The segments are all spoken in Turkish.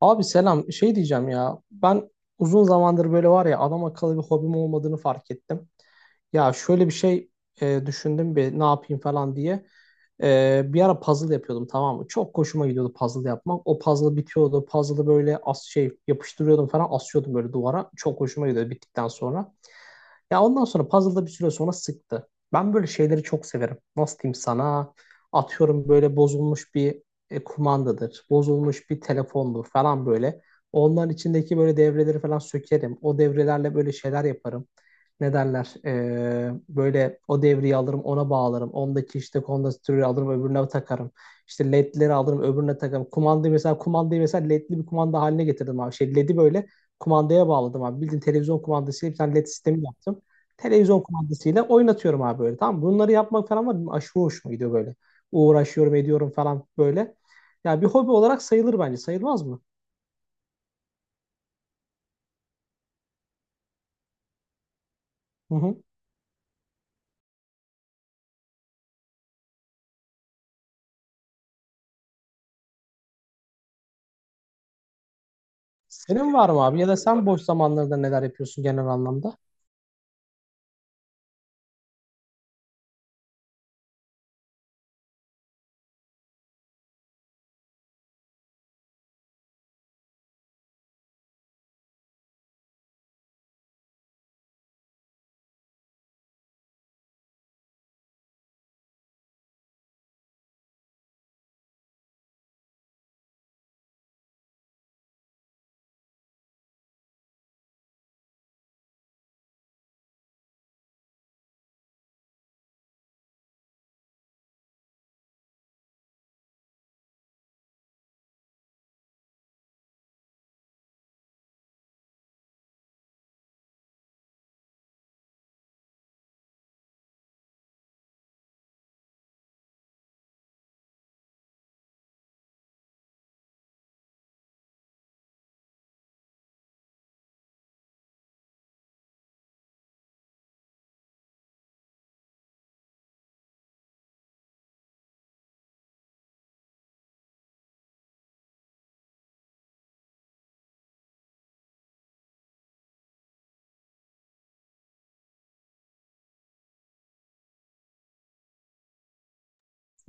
Abi selam. Şey diyeceğim ya. Ben uzun zamandır böyle var ya adam akıllı bir hobim olmadığını fark ettim. Ya şöyle bir şey düşündüm bir ne yapayım falan diye. Bir ara puzzle yapıyordum, tamam mı? Çok hoşuma gidiyordu puzzle yapmak. O puzzle bitiyordu. Puzzle'ı böyle şey yapıştırıyordum falan, asıyordum böyle duvara. Çok hoşuma gidiyordu bittikten sonra. Ya ondan sonra puzzle'da bir süre sonra sıktı. Ben böyle şeyleri çok severim. Nasıl diyeyim sana? Atıyorum, böyle bozulmuş bir kumandadır, bozulmuş bir telefondur falan böyle. Onların içindeki böyle devreleri falan sökerim. O devrelerle böyle şeyler yaparım. Ne derler? Böyle o devreyi alırım, ona bağlarım. Ondaki işte kondansatörü alırım, öbürüne takarım. İşte ledleri alırım, öbürüne takarım. Kumandayı mesela ledli bir kumanda haline getirdim abi. Şey ledi böyle kumandaya bağladım abi. Bildiğin televizyon kumandasıyla bir tane led sistemi yaptım. Televizyon kumandasıyla oynatıyorum abi böyle. Tamam mı? Bunları yapmak falan var. Benim Aşırı hoşuma gidiyor böyle. Uğraşıyorum, ediyorum falan böyle. Ya bir hobi olarak sayılır bence. Sayılmaz mı? Hı hı. Senin var mı abi? Ya da sen boş zamanlarda neler yapıyorsun genel anlamda?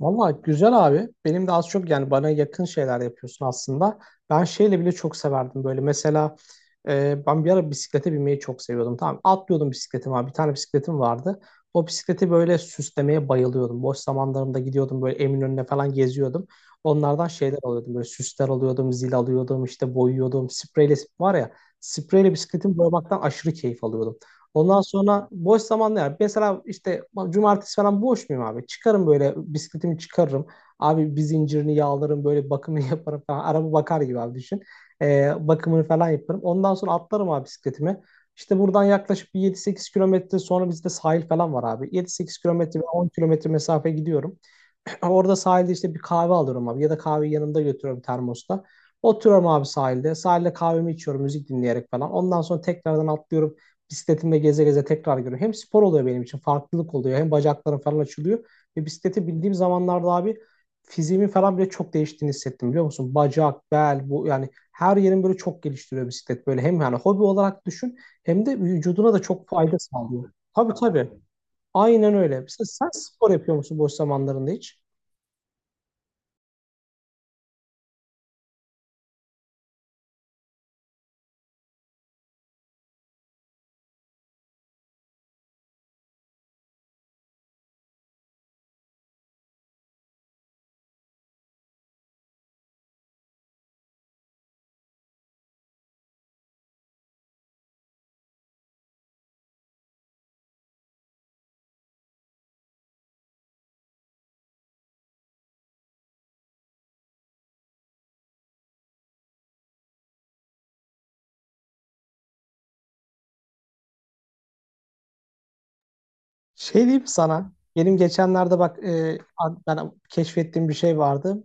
Vallahi güzel abi. Benim de az çok yani bana yakın şeyler yapıyorsun aslında. Ben şeyle bile çok severdim böyle. Mesela ben bir ara bisiklete binmeyi çok seviyordum. Tamam, atlıyordum bisikletim abi. Bir tane bisikletim vardı. O bisikleti böyle süslemeye bayılıyordum. Boş zamanlarımda gidiyordum böyle Eminönü'ne falan, geziyordum. Onlardan şeyler alıyordum. Böyle süsler alıyordum, zil alıyordum, işte boyuyordum. Spreyle var ya, spreyle bisikletimi boyamaktan aşırı keyif alıyordum. Ondan sonra boş zamanlar yani mesela işte cumartesi falan boş muyum abi? Çıkarım böyle, bisikletimi çıkarırım. Abi bir zincirini yağlarım, böyle bakımını yaparım falan. Araba bakar gibi abi düşün. Bakımını falan yaparım. Ondan sonra atlarım abi bisikletimi. İşte buradan yaklaşık bir 7-8 kilometre sonra bizde sahil falan var abi. 7-8 kilometre, 10 kilometre mesafe gidiyorum. Orada sahilde işte bir kahve alıyorum abi. Ya da kahveyi yanımda götürüyorum termosta. Oturuyorum abi sahilde. Sahilde kahvemi içiyorum, müzik dinleyerek falan. Ondan sonra tekrardan atlıyorum. Bisikletimle geze geze tekrar görüyorum. Hem spor oluyor benim için. Farklılık oluyor. Hem bacaklarım falan açılıyor. Ve bisikleti bildiğim zamanlarda abi, fiziğimin falan bile çok değiştiğini hissettim, biliyor musun? Bacak, bel, bu yani her yerin böyle çok geliştiriyor bisiklet. Böyle hem yani hobi olarak düşün, hem de vücuduna da çok fayda sağlıyor. Tabii, tabii. Aynen öyle. Sen spor yapıyor musun boş zamanlarında hiç? Şey diyeyim sana. Benim geçenlerde bak ben keşfettiğim bir şey vardı.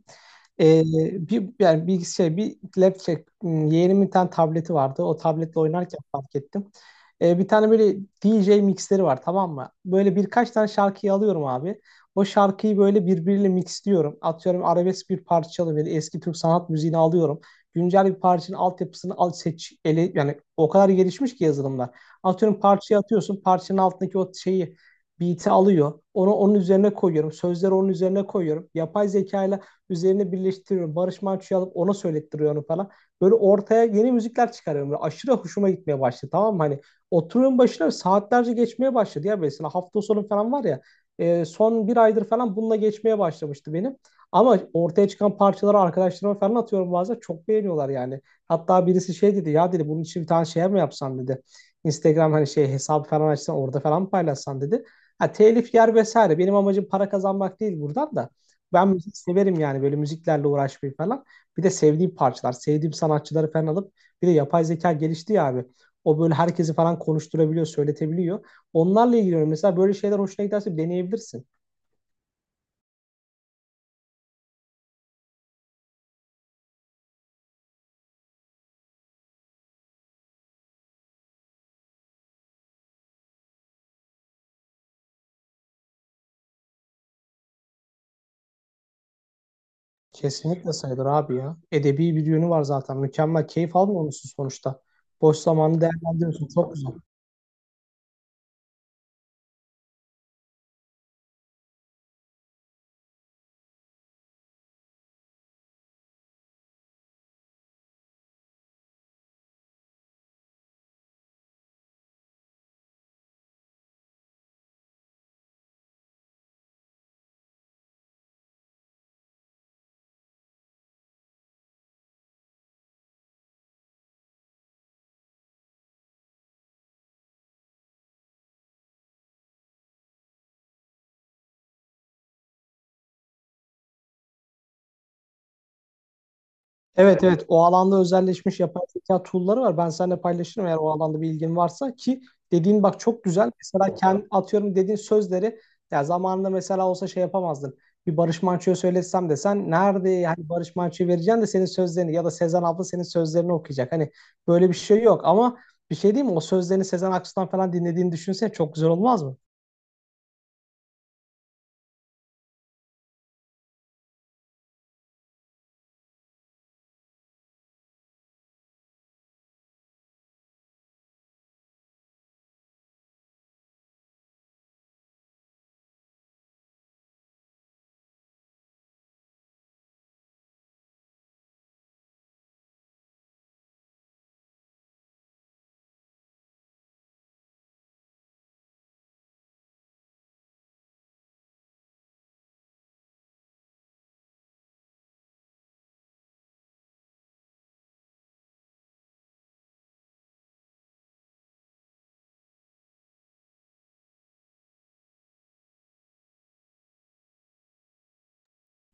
E, bir yani bir şey bir laptop m, yeğenimin bir tane tableti vardı. O tabletle oynarken fark ettim. Bir tane böyle DJ mixleri var, tamam mı? Böyle birkaç tane şarkıyı alıyorum abi. O şarkıyı böyle birbiriyle mixliyorum. Atıyorum, arabesk bir parça çalıyor. Böyle eski Türk sanat müziğini alıyorum. Güncel bir parçanın altyapısını al, seç, ele, yani o kadar gelişmiş ki yazılımlar. Atıyorum, parçayı atıyorsun. Parçanın altındaki o şeyi, beat'i alıyor. Onu onun üzerine koyuyorum. Sözleri onun üzerine koyuyorum. Yapay zeka ile üzerine birleştiriyorum. Barış Manço'yu alıp ona söylettiriyor onu falan. Böyle ortaya yeni müzikler çıkarıyorum. Böyle aşırı hoşuma gitmeye başladı. Tamam mı? Hani oturuyorum başına, saatlerce geçmeye başladı ya, mesela hafta sonu falan var ya. Son bir aydır falan bununla geçmeye başlamıştı benim. Ama ortaya çıkan parçaları arkadaşlarıma falan atıyorum bazen. Çok beğeniyorlar yani. Hatta birisi şey dedi ya, dedi bunun için bir tane şey mi yapsam dedi. Instagram hani şey hesabı falan açsan, orada falan paylaşsan dedi. Ha, telif yer vesaire. Benim amacım para kazanmak değil buradan da. Ben müzik severim yani, böyle müziklerle uğraşmayı falan. Bir de sevdiğim parçalar, sevdiğim sanatçıları falan alıp, bir de yapay zeka gelişti ya abi. O böyle herkesi falan konuşturabiliyor, söyletebiliyor. Onlarla ilgileniyorum. Mesela böyle şeyler hoşuna giderse deneyebilirsin. Kesinlikle sayılır abi ya. Edebi bir yönü var zaten. Mükemmel. Keyif almıyor musun sonuçta? Boş zamanı değerlendiriyorsun. Çok güzel. Evet, evet. O alanda özelleşmiş yapay zeka tool'ları var. Ben seninle paylaşırım, eğer o alanda bir ilgin varsa ki dediğin bak çok güzel. Mesela kendi, atıyorum, dediğin sözleri ya zamanında mesela olsa şey yapamazdın. Bir Barış Manço'ya söylesem de sen nerede yani, Barış Manço'yu vereceksin de senin sözlerini, ya da Sezen abla senin sözlerini okuyacak. Hani böyle bir şey yok ama bir şey değil mi? O sözlerini Sezen Aksu'dan falan dinlediğini düşünsene, çok güzel olmaz mı?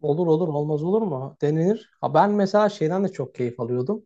Olur olur, olmaz olur mu? Denilir. Ha, ben mesela şeyden de çok keyif alıyordum.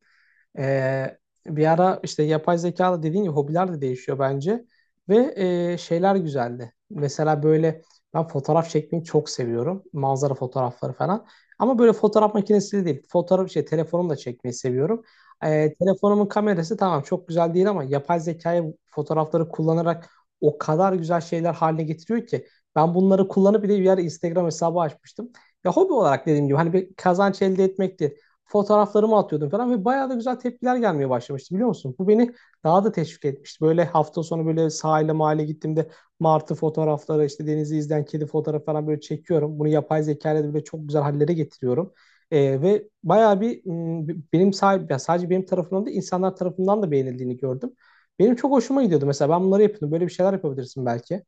Ee, Bir ara işte yapay zeka da dediğin gibi hobiler de değişiyor bence. Ve şeyler güzeldi. Mesela böyle ben fotoğraf çekmeyi çok seviyorum. Manzara fotoğrafları falan. Ama böyle fotoğraf makinesiyle değil. Fotoğraf, şey, telefonumla çekmeyi seviyorum. Telefonumun kamerası tamam çok güzel değil ama yapay zekayı, fotoğrafları kullanarak o kadar güzel şeyler haline getiriyor ki. Ben bunları kullanıp bir de bir ara Instagram hesabı açmıştım. Ya hobi olarak dediğim gibi, hani bir kazanç elde etmekti, fotoğraflarımı atıyordum falan ve bayağı da güzel tepkiler gelmeye başlamıştı, biliyor musun? Bu beni daha da teşvik etmişti. Böyle hafta sonu böyle sahile, mahalle gittiğimde martı fotoğrafları, işte denizi izleyen kedi fotoğrafı falan böyle çekiyorum. Bunu yapay zeka ile de böyle çok güzel hallere getiriyorum. Ve bayağı bir m, benim sahip, ya sadece benim tarafımdan da, insanlar tarafından da beğenildiğini gördüm. Benim çok hoşuma gidiyordu mesela. Ben bunları yapıyordum. Böyle bir şeyler yapabilirsin belki.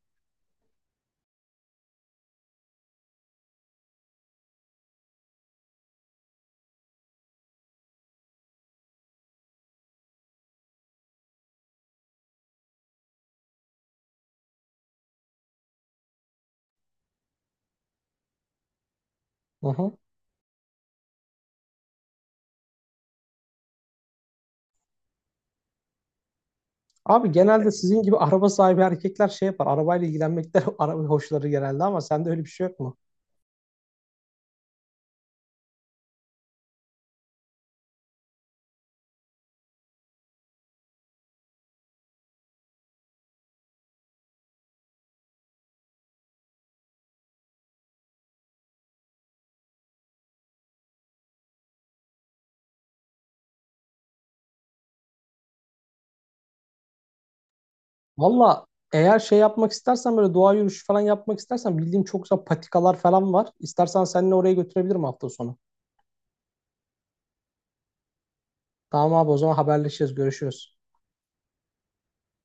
Hı hı. Abi genelde sizin gibi araba sahibi erkekler şey yapar. Arabayla ilgilenmekten araba hoşları genelde, ama sende öyle bir şey yok mu? Valla eğer şey yapmak istersen, böyle doğa yürüyüşü falan yapmak istersen, bildiğim çok güzel patikalar falan var. İstersen seninle oraya götürebilirim hafta sonu. Tamam abi, o zaman haberleşeceğiz. Görüşürüz.